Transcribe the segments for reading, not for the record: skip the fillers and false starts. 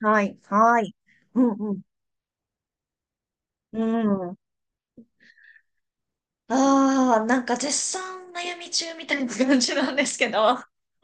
はい、はい。うん、うん、うん。ああ、なんか絶賛悩み中みたいな感じなんですけど。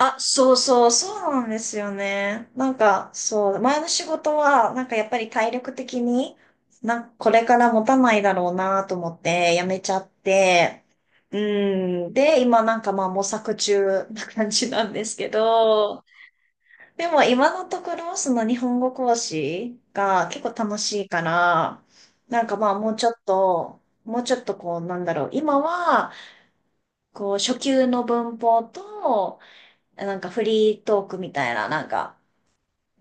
あ、そうそう、そうなんですよね。なんか、そう、前の仕事は、なんかやっぱり体力的に、なんかこれから持たないだろうなと思って辞めちゃって、うん、で、今なんかまあ模索中な感じなんですけど、でも今のところその日本語講師が結構楽しいから、なんかまあもうちょっと、もうちょっとこうなんだろう、今はこう初級の文法と、なんかフリートークみたいな、なんか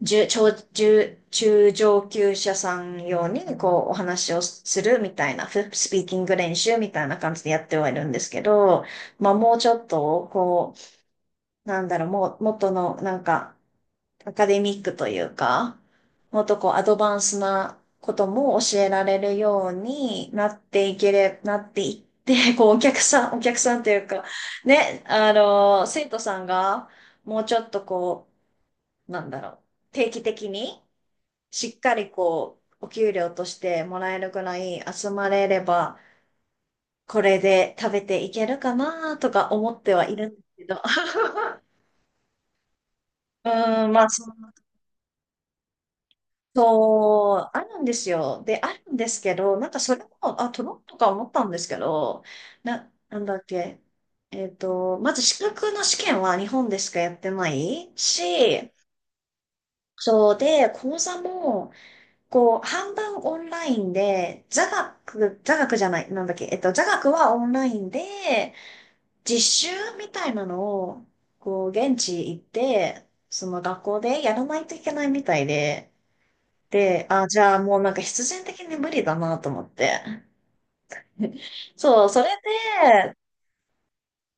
中、超中、中上級者さん用にこうお話をするみたいな、フスピーキング練習みたいな感じでやってはいるんですけど、まあもうちょっとこう、なんだろう、もう、元のなんか、アカデミックというか、もっとこうアドバンスなことも教えられるようになっていけれ、なっていって、こうお客さん、お客さんというか、ね、生徒さんがもうちょっとこう、なんだろう、定期的にしっかりこう、お給料としてもらえるくらい集まれれば、これで食べていけるかなとか思ってはいるんですけど。うん、まあ、そう、あるんですよ。で、あるんですけど、なんかそれも、あ、取ろうとか思ったんですけど、なんだっけ。まず資格の試験は日本でしかやってないし、そうで、講座も、こう、半分オンラインで、座学、座学じゃない、なんだっけ、座学はオンラインで、実習みたいなのを、こう、現地行って、その学校でやらないといけないみたいで、で、あ、じゃあもうなんか必然的に無理だなと思って。そう、それで、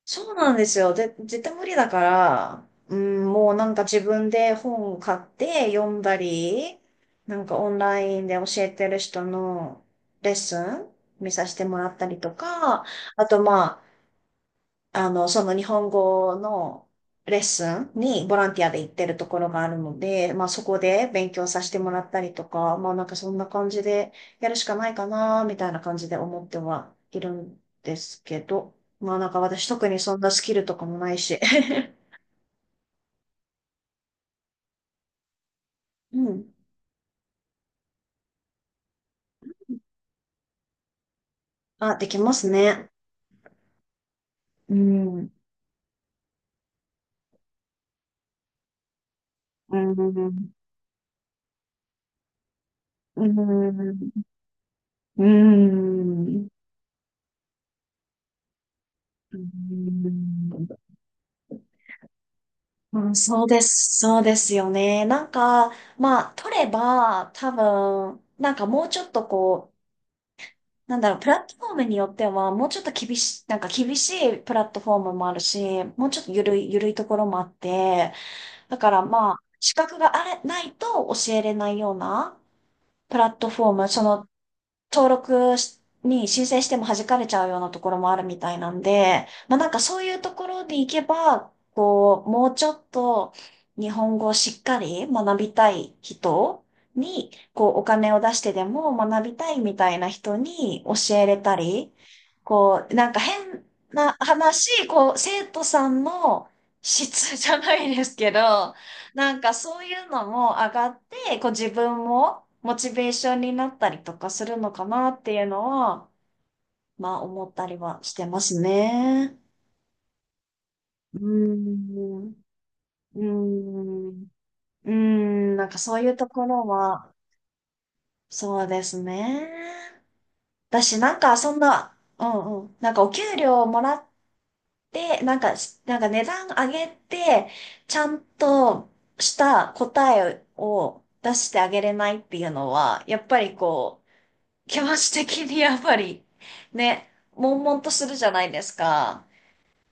そうなんですよ。で、絶対無理だから、うん、もうなんか自分で本を買って読んだり、なんかオンラインで教えてる人のレッスン見させてもらったりとか、あとまあ、その日本語のレッスンにボランティアで行ってるところがあるので、まあそこで勉強させてもらったりとか、まあなんかそんな感じでやるしかないかな、みたいな感じで思ってはいるんですけど、まあなんか私特にそんなスキルとかもないし。うん。あ、できますね。うん。うん。うん。うん。うん。うん、そうです。そうですよね。なんか、まあ、取れば、多分、なんかもうちょっとこう、なんだろう、プラットフォームによっては、もうちょっと厳しい、なんか厳しいプラットフォームもあるし、もうちょっとゆるいところもあって、だからまあ、資格がないと教えれないようなプラットフォーム、その登録しに申請しても弾かれちゃうようなところもあるみたいなんで、まあなんかそういうところに行けば、こう、もうちょっと日本語をしっかり学びたい人に、こう、お金を出してでも学びたいみたいな人に教えれたり、こう、なんか変な話、こう、生徒さんの質じゃないですけど、なんかそういうのも上がって、こう自分もモチベーションになったりとかするのかなっていうのは、まあ思ったりはしてますね。うーん。うーん。うーん。なんかそういうところは、そうですね。だし、なんかそんな、うんうん、なんかお給料もらって、なんかし、なんか値段上げて、ちゃんとした答えを出してあげれないっていうのは、やっぱりこう、気持ち的にやっぱり、ね、悶々とするじゃないですか。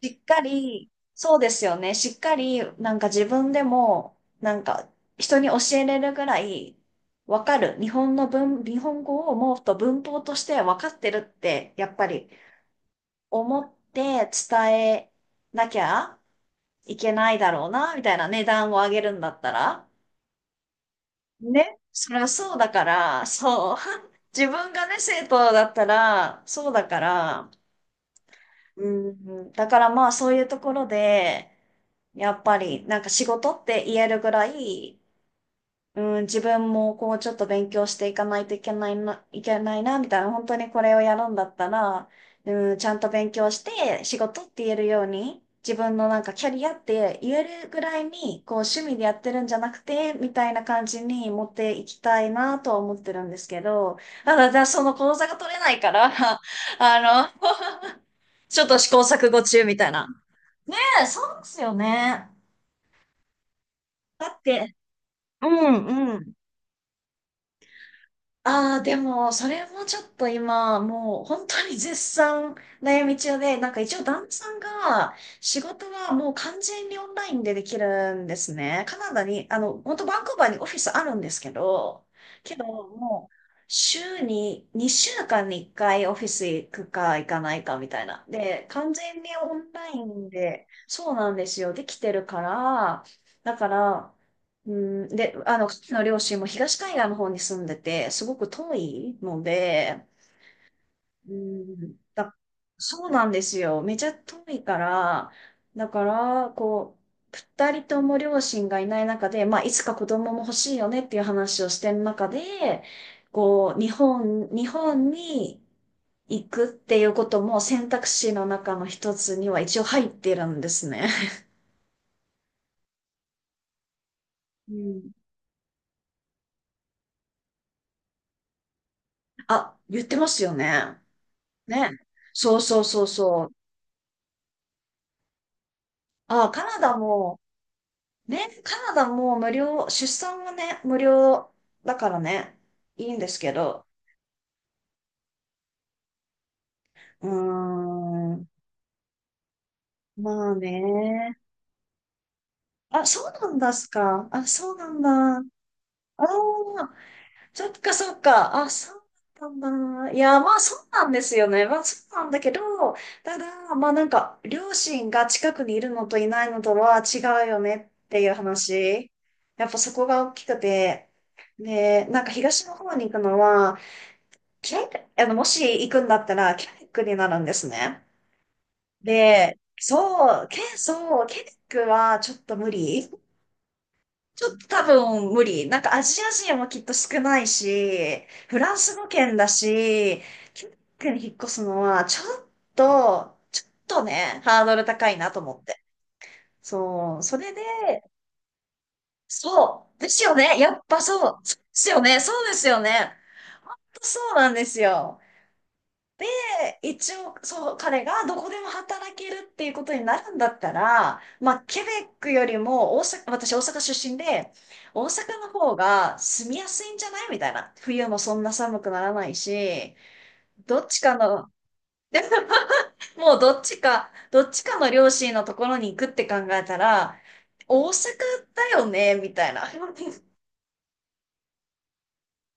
しっかり、そうですよね。しっかり、なんか自分でも、なんか人に教えれるぐらい、わかる。日本語をもっと文法としてわかってるって、やっぱり思って伝えなきゃいけないだろうな、みたいな値段を上げるんだったら。ね。それはそうだから、そう。自分がね、生徒だったら、そうだから、うんうん、だからまあそういうところで、やっぱりなんか仕事って言えるぐらい、うん、自分もこうちょっと勉強していかないといけないな、いけないな、みたいな、本当にこれをやるんだったら、うん、ちゃんと勉強して仕事って言えるように、自分のなんかキャリアって言えるぐらいに、こう趣味でやってるんじゃなくて、みたいな感じに持っていきたいなとは思ってるんですけど、ただ、じゃあその講座が取れないから、あのちょっと試行錯誤中みたいな。ねえそうですよね。だって、うんうん。ああ、でも、それもちょっと今、もう本当に絶賛悩み中で、なんか一応旦那さんが仕事はもう完全にオンラインでできるんですね。カナダに、本当バンクーバーにオフィスあるんですけど、けどもう週に2週間に1回オフィス行くか行かないかみたいな。で、完全にオンラインで、そうなんですよ、できてるから、だから、うん、で、彼の両親も東海岸の方に住んでて、すごく遠いので、うん、そうなんですよ。めちゃ遠いから、だから、こう、二人とも両親がいない中で、まあ、いつか子供も欲しいよねっていう話をしてる中で、こう、日本、日本に行くっていうことも選択肢の中の一つには一応入ってるんですね。うん。あ、言ってますよね。ね。そうそうそうそう。あ、カナダも、ね、カナダも無料、出産はね、無料だからね、いいんですけど。うーん、まあね。あ、そうなんですか。あ、そうなんだ。ああ、そっかそっか。あ、そうだったんだ。いや、まあそうなんですよね。まあそうなんだけど、ただ、まあなんか、両親が近くにいるのといないのとは違うよねっていう話。やっぱそこが大きくて。で、なんか東の方に行くのは、キャク、あの、もし行くんだったら、キャイクになるんですね。で、そう、そう、ケネックはちょっと無理。ちょっと多分無理。なんかアジア人もきっと少ないし、フランス語圏だし、キュークに引っ越すのはちょっと、ちょっとね、ハードル高いなと思って。そう、それで、そう、ですよね。やっぱそう、そうですよね。そうですよね。そうなんですよ。で、一応、そう、彼がどこでも働けるっていうことになるんだったら、まあ、ケベックよりも大阪、私大阪出身で、大阪の方が住みやすいんじゃないみたいな。冬もそんな寒くならないし、どっちかの、もうどっちか、どっちかの両親のところに行くって考えたら、大阪だよねみたいな。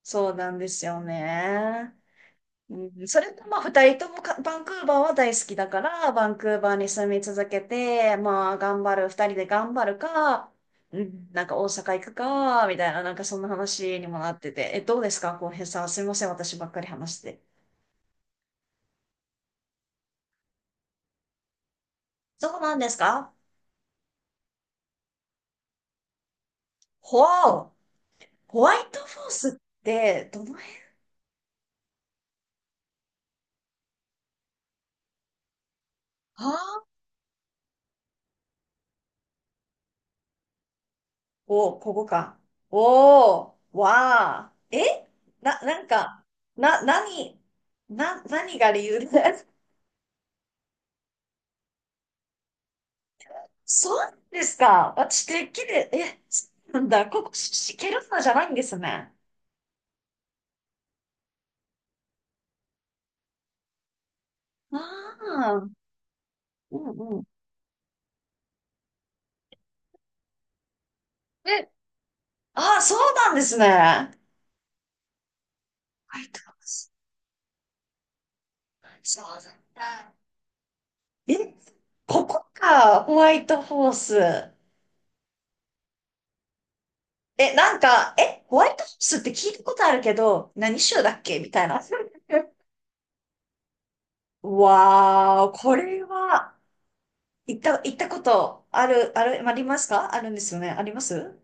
そうなんですよね。うん、それとまあ二人ともかバンクーバーは大好きだから、バンクーバーに住み続けて、まあ頑張る、二人で頑張るか、うん、なんか大阪行くか、みたいな、なんかそんな話にもなってて、え、どうですか、浩平さん。すみません、私ばっかり話して。そうなんですかほわお、ホワイトフォースってどの辺はあお、ここか。おー、わあえなんか、何、何が理由でそうですか。私、てっきり、え、そうなんだ。ここ、シシケルナじゃないんですね。ああ、うんうん。え、ああ、そうなんですね。ホワイトホース。そうなんだ。え、ここか、ホワイトホース。え、なんか、え、ホワイトホースって聞いたことあるけど、何州だっけみたいな。わー、これは、行ったことある、ある、ありますかあるんですよね。あります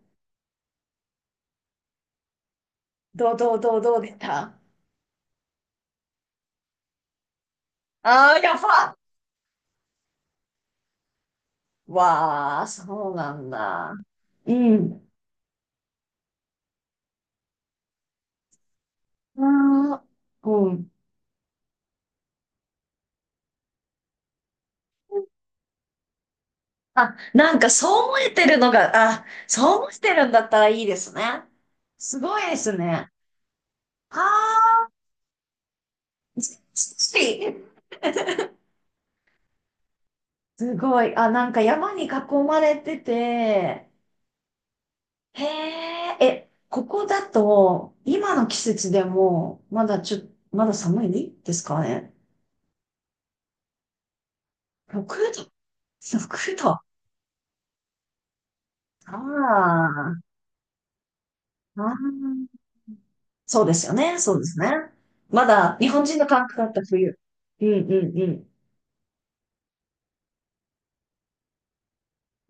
どうでしたああ、やばっわあ、そうなんだ。うん。ああ、うん。あ、なんかそう思えてるのが、あ、そう思ってるんだったらいいですね。すごいですね。ああ、ずずっしすごい。あ、なんか山に囲まれてて、へえ、え、ここだと、今の季節でも、まだちょ、まだ寒いですかね。6度？ 6 度ああああ、そうですよね。そうですね。まだ日本人の感覚だった冬。うんうんうん。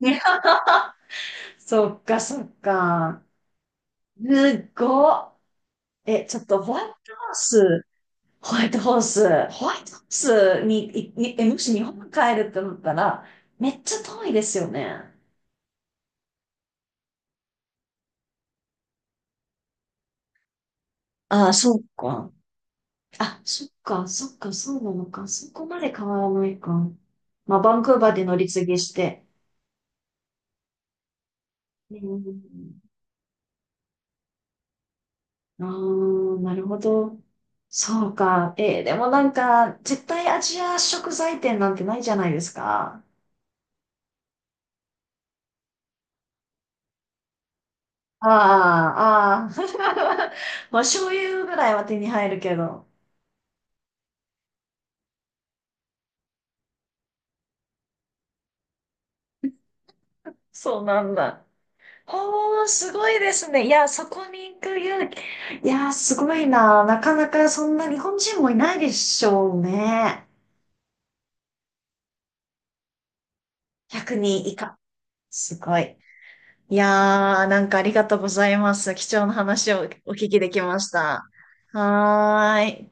そっかそっか。すごっ。え、ちょっとホワイトホース、に、いにえ、もし日本帰るってなったら、めっちゃ遠いですよね。ああ、そっか。あ、そっか、そっか、そうなのか。そこまで変わらないか。まあ、バンクーバーで乗り継ぎして。うんああ、なるほど。そうか。えーでもなんか、絶対アジア食材店なんてないじゃないですか。ああ、ああ。まあ、醤油ぐらいは手に入るけど。そうなんだ。おー、すごいですね。いや、そこに行く勇気。いや、すごいな。なかなかそんな日本人もいないでしょうね。100人以下。すごい。いやー、なんかありがとうございます。貴重な話をお聞きできました。はーい。